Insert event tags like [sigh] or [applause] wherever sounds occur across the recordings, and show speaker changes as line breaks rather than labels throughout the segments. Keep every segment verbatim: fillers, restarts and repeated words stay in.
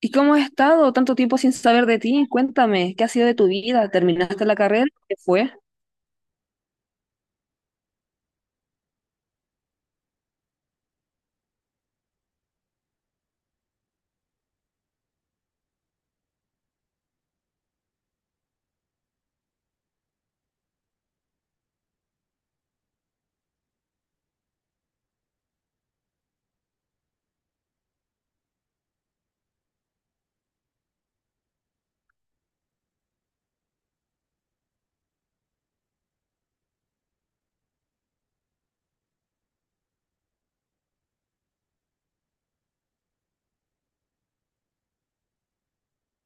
¿Y cómo has estado tanto tiempo sin saber de ti? Cuéntame, ¿qué ha sido de tu vida? ¿Terminaste la carrera? ¿Qué fue?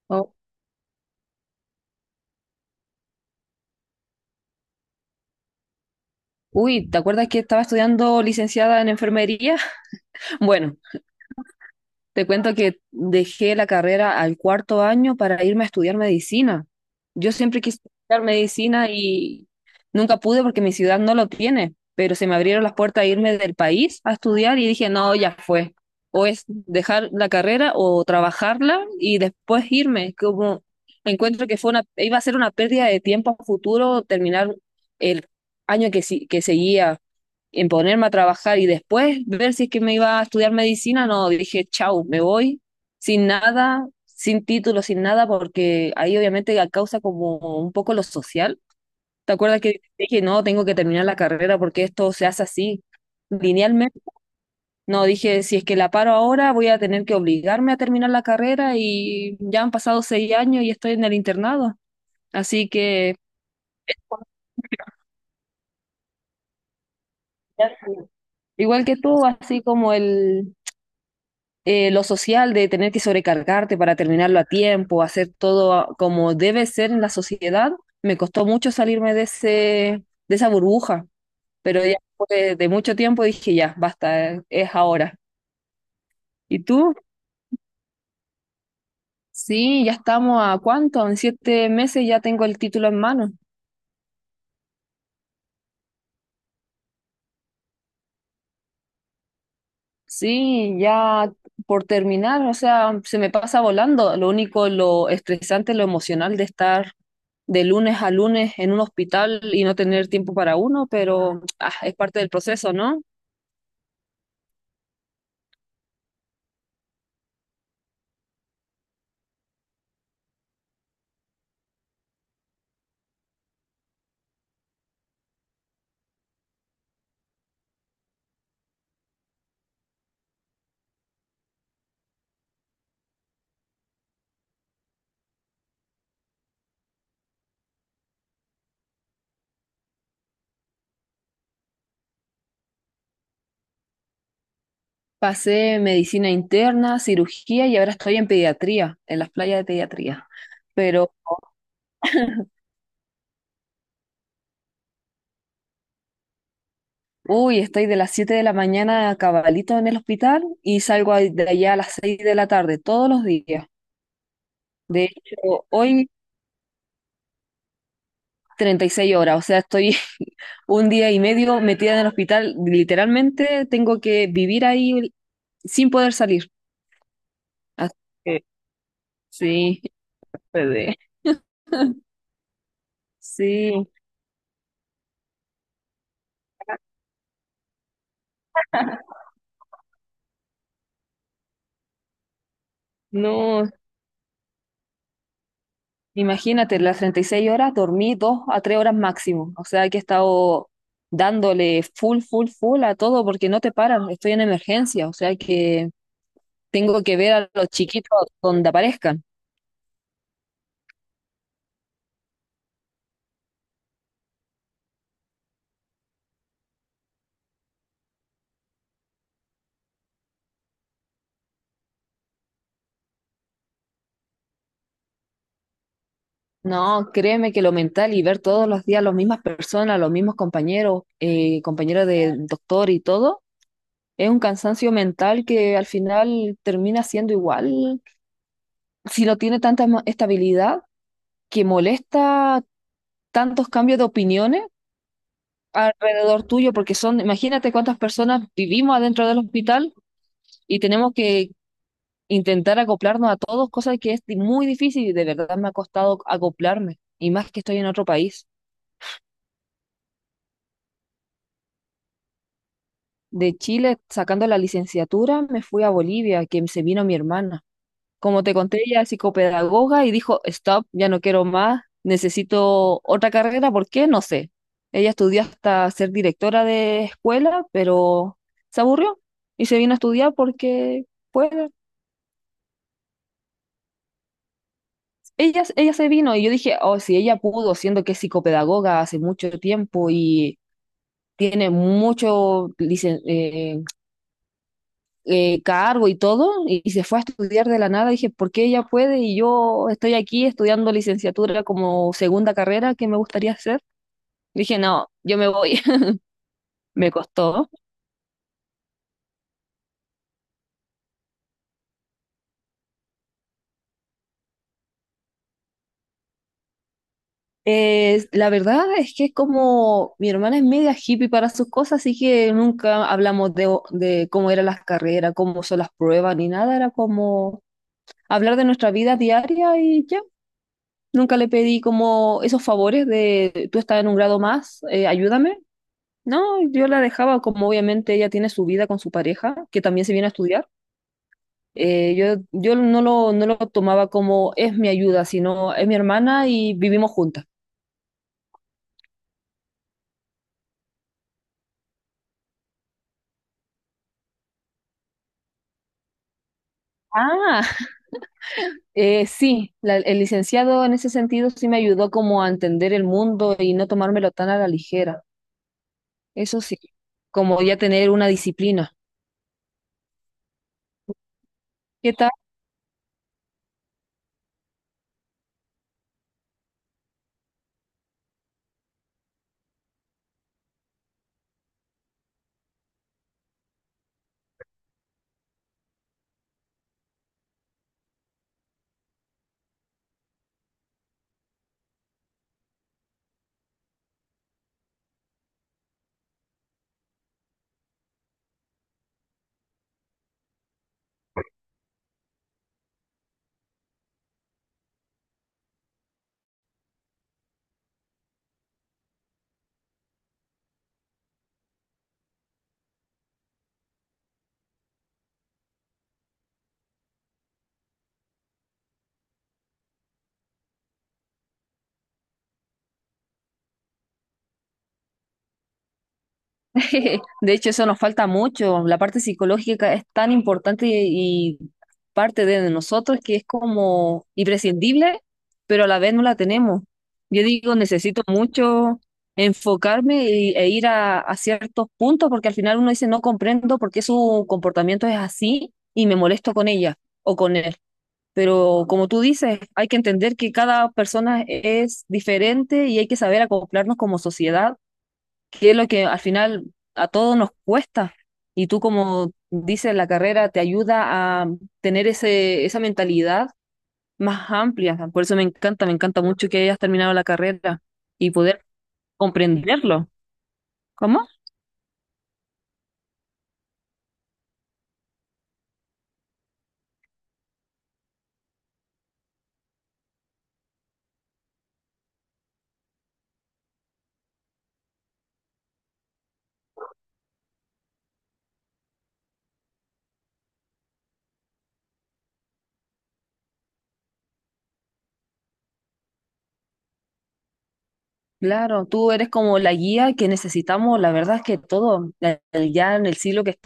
Oh. Uy, ¿te acuerdas que estaba estudiando licenciada en enfermería? [laughs] Bueno, te cuento que dejé la carrera al cuarto año para irme a estudiar medicina. Yo siempre quise estudiar medicina y nunca pude porque mi ciudad no lo tiene, pero se me abrieron las puertas a irme del país a estudiar y dije, no, ya fue. O es dejar la carrera o trabajarla y después irme. Como encuentro que fue una, iba a ser una pérdida de tiempo a futuro terminar el año que, si- que seguía en ponerme a trabajar y después ver si es que me iba a estudiar medicina, no, dije, chau, me voy sin nada, sin título, sin nada, porque ahí obviamente causa como un poco lo social. ¿Te acuerdas que dije, no, tengo que terminar la carrera porque esto se hace así, linealmente? No, dije, si es que la paro ahora, voy a tener que obligarme a terminar la carrera y ya han pasado seis años y estoy en el internado. Así que, igual que tú, así como el, eh, lo social de tener que sobrecargarte para terminarlo a tiempo, hacer todo a- como debe ser en la sociedad, me costó mucho salirme de ese, de esa burbuja, pero ya después de mucho tiempo dije, ya, basta, eh, es ahora. ¿Y tú? Sí, ya estamos a cuánto, en siete meses ya tengo el título en mano. Sí, ya por terminar, o sea, se me pasa volando. Lo único, lo estresante, lo emocional de estar de lunes a lunes en un hospital y no tener tiempo para uno, pero ah, es parte del proceso, ¿no? Pasé medicina interna, cirugía y ahora estoy en pediatría, en las playas de pediatría. Pero, uy, estoy de las siete de la mañana a cabalito en el hospital y salgo ahí- de allá a las seis de la tarde todos los días. De hecho, hoy treinta y seis horas, o sea, estoy [laughs] un día y medio metida en el hospital, literalmente tengo que vivir ahí sin poder salir. Ah. Eh, Sí. P D. Sí, no, imagínate, las treinta y seis horas dormí dos a tres horas máximo, o sea, que he estado dándole full, full, full a todo porque no te paran, estoy en emergencia, o sea, que tengo que ver a los chiquitos donde aparezcan. No, créeme que lo mental y ver todos los días las mismas personas, los mismos compañeros, eh, compañeros del doctor y todo, es un cansancio mental que al final termina siendo igual, si no tiene tanta ma- estabilidad, que molesta tantos cambios de opiniones alrededor tuyo, porque son, imagínate cuántas personas vivimos adentro del hospital y tenemos que intentar acoplarnos a todos, cosa que es muy difícil y de verdad me ha costado acoplarme, y más que estoy en otro país. De Chile, sacando la licenciatura, me fui a Bolivia, que se vino mi hermana. Como te conté, ella es psicopedagoga y dijo, stop, ya no quiero más, necesito otra carrera, ¿por qué? No sé. Ella estudió hasta ser directora de escuela, pero se aburrió y se vino a estudiar porque, pues, ella, ella se vino y yo dije, oh, si ella pudo, siendo que es psicopedagoga hace mucho tiempo y tiene mucho licen eh, eh, cargo y todo, y, y se fue a estudiar de la nada. Dije, ¿por qué ella puede? Y yo estoy aquí estudiando licenciatura como segunda carrera que me gustaría hacer. Dije, no, yo me voy. [laughs] Me costó. Eh, la verdad es que es como mi hermana es media hippie para sus cosas, así que nunca hablamos de, o- de cómo eran las carreras, cómo son las pruebas, ni nada. Era como hablar de nuestra vida diaria y ya. Nunca le pedí como esos favores de tú estás en un grado más, eh, ayúdame. No, yo la dejaba como obviamente ella tiene su vida con su pareja, que también se viene a estudiar. eh, yo yo no lo, no lo tomaba como es mi ayuda, sino es mi hermana y vivimos juntas. Ah, eh, sí, la- el licenciado en ese sentido sí me ayudó como a entender el mundo y no tomármelo tan a la ligera. Eso sí, como ya tener una disciplina. ¿Qué tal? [laughs] De hecho, eso nos falta mucho. La parte psicológica es tan importante y y parte de nosotros que es como imprescindible, pero a la vez no la tenemos. Yo digo, necesito mucho enfocarme y- e ir a, a ciertos puntos porque al final uno dice, no comprendo por qué su comportamiento es así y me molesto con ella o con él. Pero como tú dices, hay que entender que cada persona es diferente y hay que saber acoplarnos como sociedad que es lo que al final a todos nos cuesta. Y tú, como dices, la carrera te ayuda a tener ese, esa mentalidad más amplia. Por eso me encanta, me encanta mucho que hayas terminado la carrera y poder comprenderlo. ¿Cómo? Claro, tú eres como la guía que necesitamos, la verdad es que todo, eh, ya en el siglo que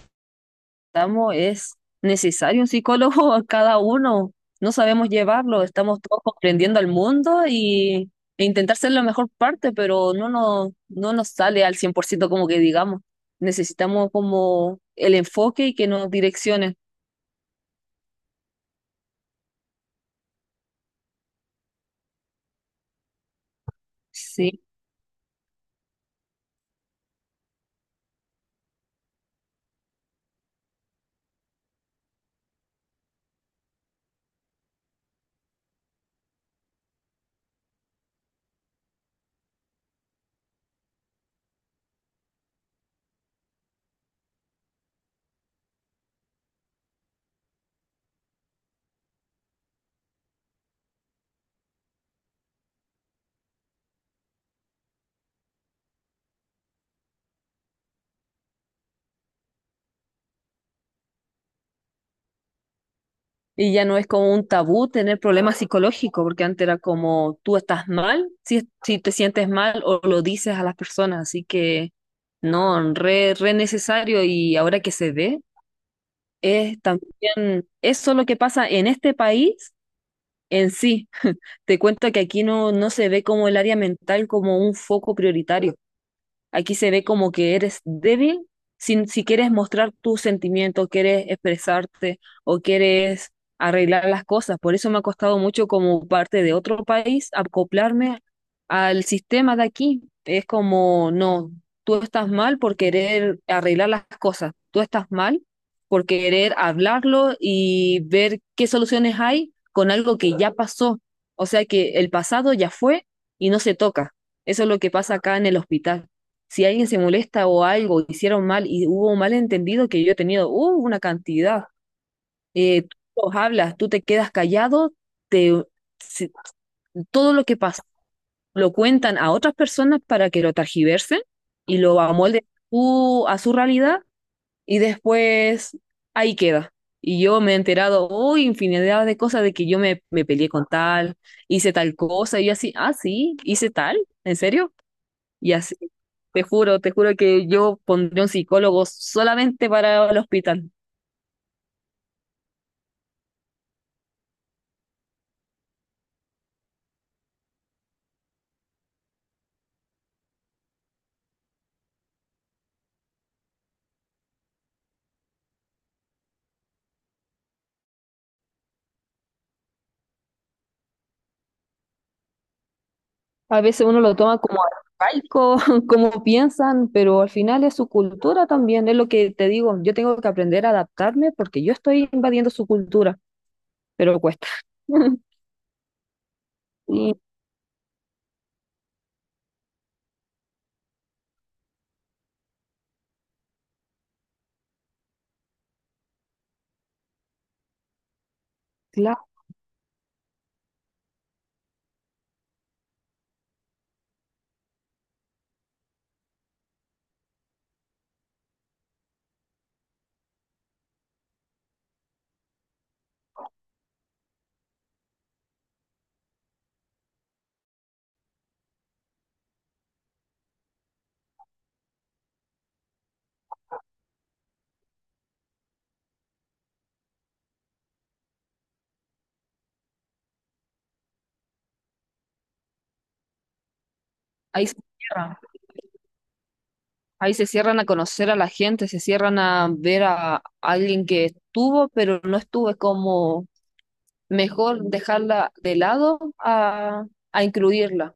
estamos, es necesario un psicólogo a cada uno. No sabemos llevarlo, estamos todos comprendiendo al mundo y, e intentar ser la mejor parte, pero no nos, no nos sale al cien por ciento como que digamos. Necesitamos como el enfoque y que nos direccione. Sí. Y ya no es como un tabú tener problemas psicológicos, porque antes era como tú estás mal, si, si te sientes mal o lo dices a las personas, así que no, re, re necesario y ahora que se ve. Es también eso lo que pasa en este país en sí. Te cuento que aquí no, no se ve como el área mental como un foco prioritario. Aquí se ve como que eres débil si, si quieres mostrar tus sentimientos, quieres expresarte o quieres arreglar las cosas. Por eso me ha costado mucho como parte de otro país acoplarme al sistema de aquí. Es como, no, tú estás mal por querer arreglar las cosas, tú estás mal por querer hablarlo y ver qué soluciones hay con algo que ya pasó. O sea que el pasado ya fue y no se toca. Eso es lo que pasa acá en el hospital si alguien se molesta o algo hicieron mal y hubo un malentendido que yo he tenido, uh, una cantidad. Eh, tú los hablas, tú te quedas callado, te, se- todo lo que pasa lo cuentan a otras personas para que lo targiversen y lo amolden tú a su realidad y después ahí queda. Y yo me he enterado, oh, infinidad de cosas de que yo me, me peleé con tal, hice tal cosa, y yo así, ah, sí, hice tal, ¿en serio? Y así, te juro, te juro que yo pondré un psicólogo solamente para el hospital. A veces uno lo toma como arcaico, [laughs] como piensan, pero al final es su cultura también, es lo que te digo, yo tengo que aprender a adaptarme porque yo estoy invadiendo su cultura, pero cuesta. [laughs] Y claro, ahí se cierran, ahí se cierran a conocer a la gente, se cierran a ver a alguien que estuvo, pero no estuvo, es como mejor dejarla de lado a, a incluirla.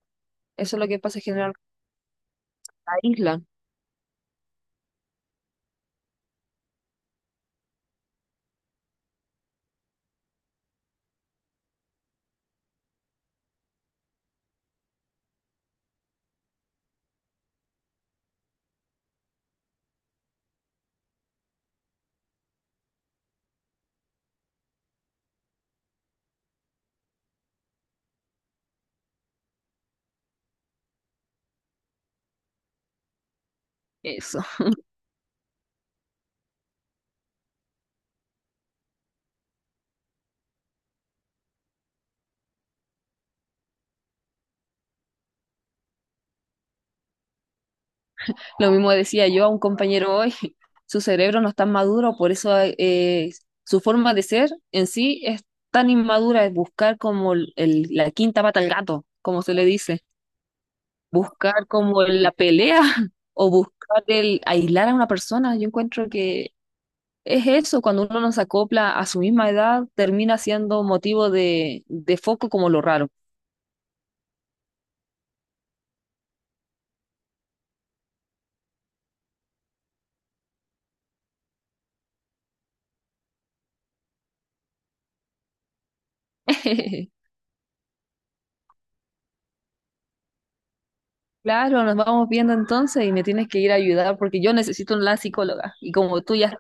Eso es lo que pasa generalmente en la isla. Eso. [laughs] Lo mismo decía yo a un compañero hoy. [laughs] Su cerebro no está maduro, por eso eh, su forma de ser en sí es tan inmadura, es buscar como el- el- la quinta pata al gato, como se le dice. Buscar como la pelea [laughs] o buscar el aislar a una persona. Yo encuentro que es eso, cuando uno no se acopla a su misma edad, termina siendo motivo de, de foco como lo raro. [laughs] Claro, nos vamos viendo entonces y me tienes que ir a ayudar porque yo necesito una psicóloga y como tú ya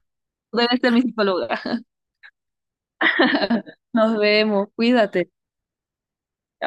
tú debes ser mi psicóloga. [laughs] Nos vemos, cuídate.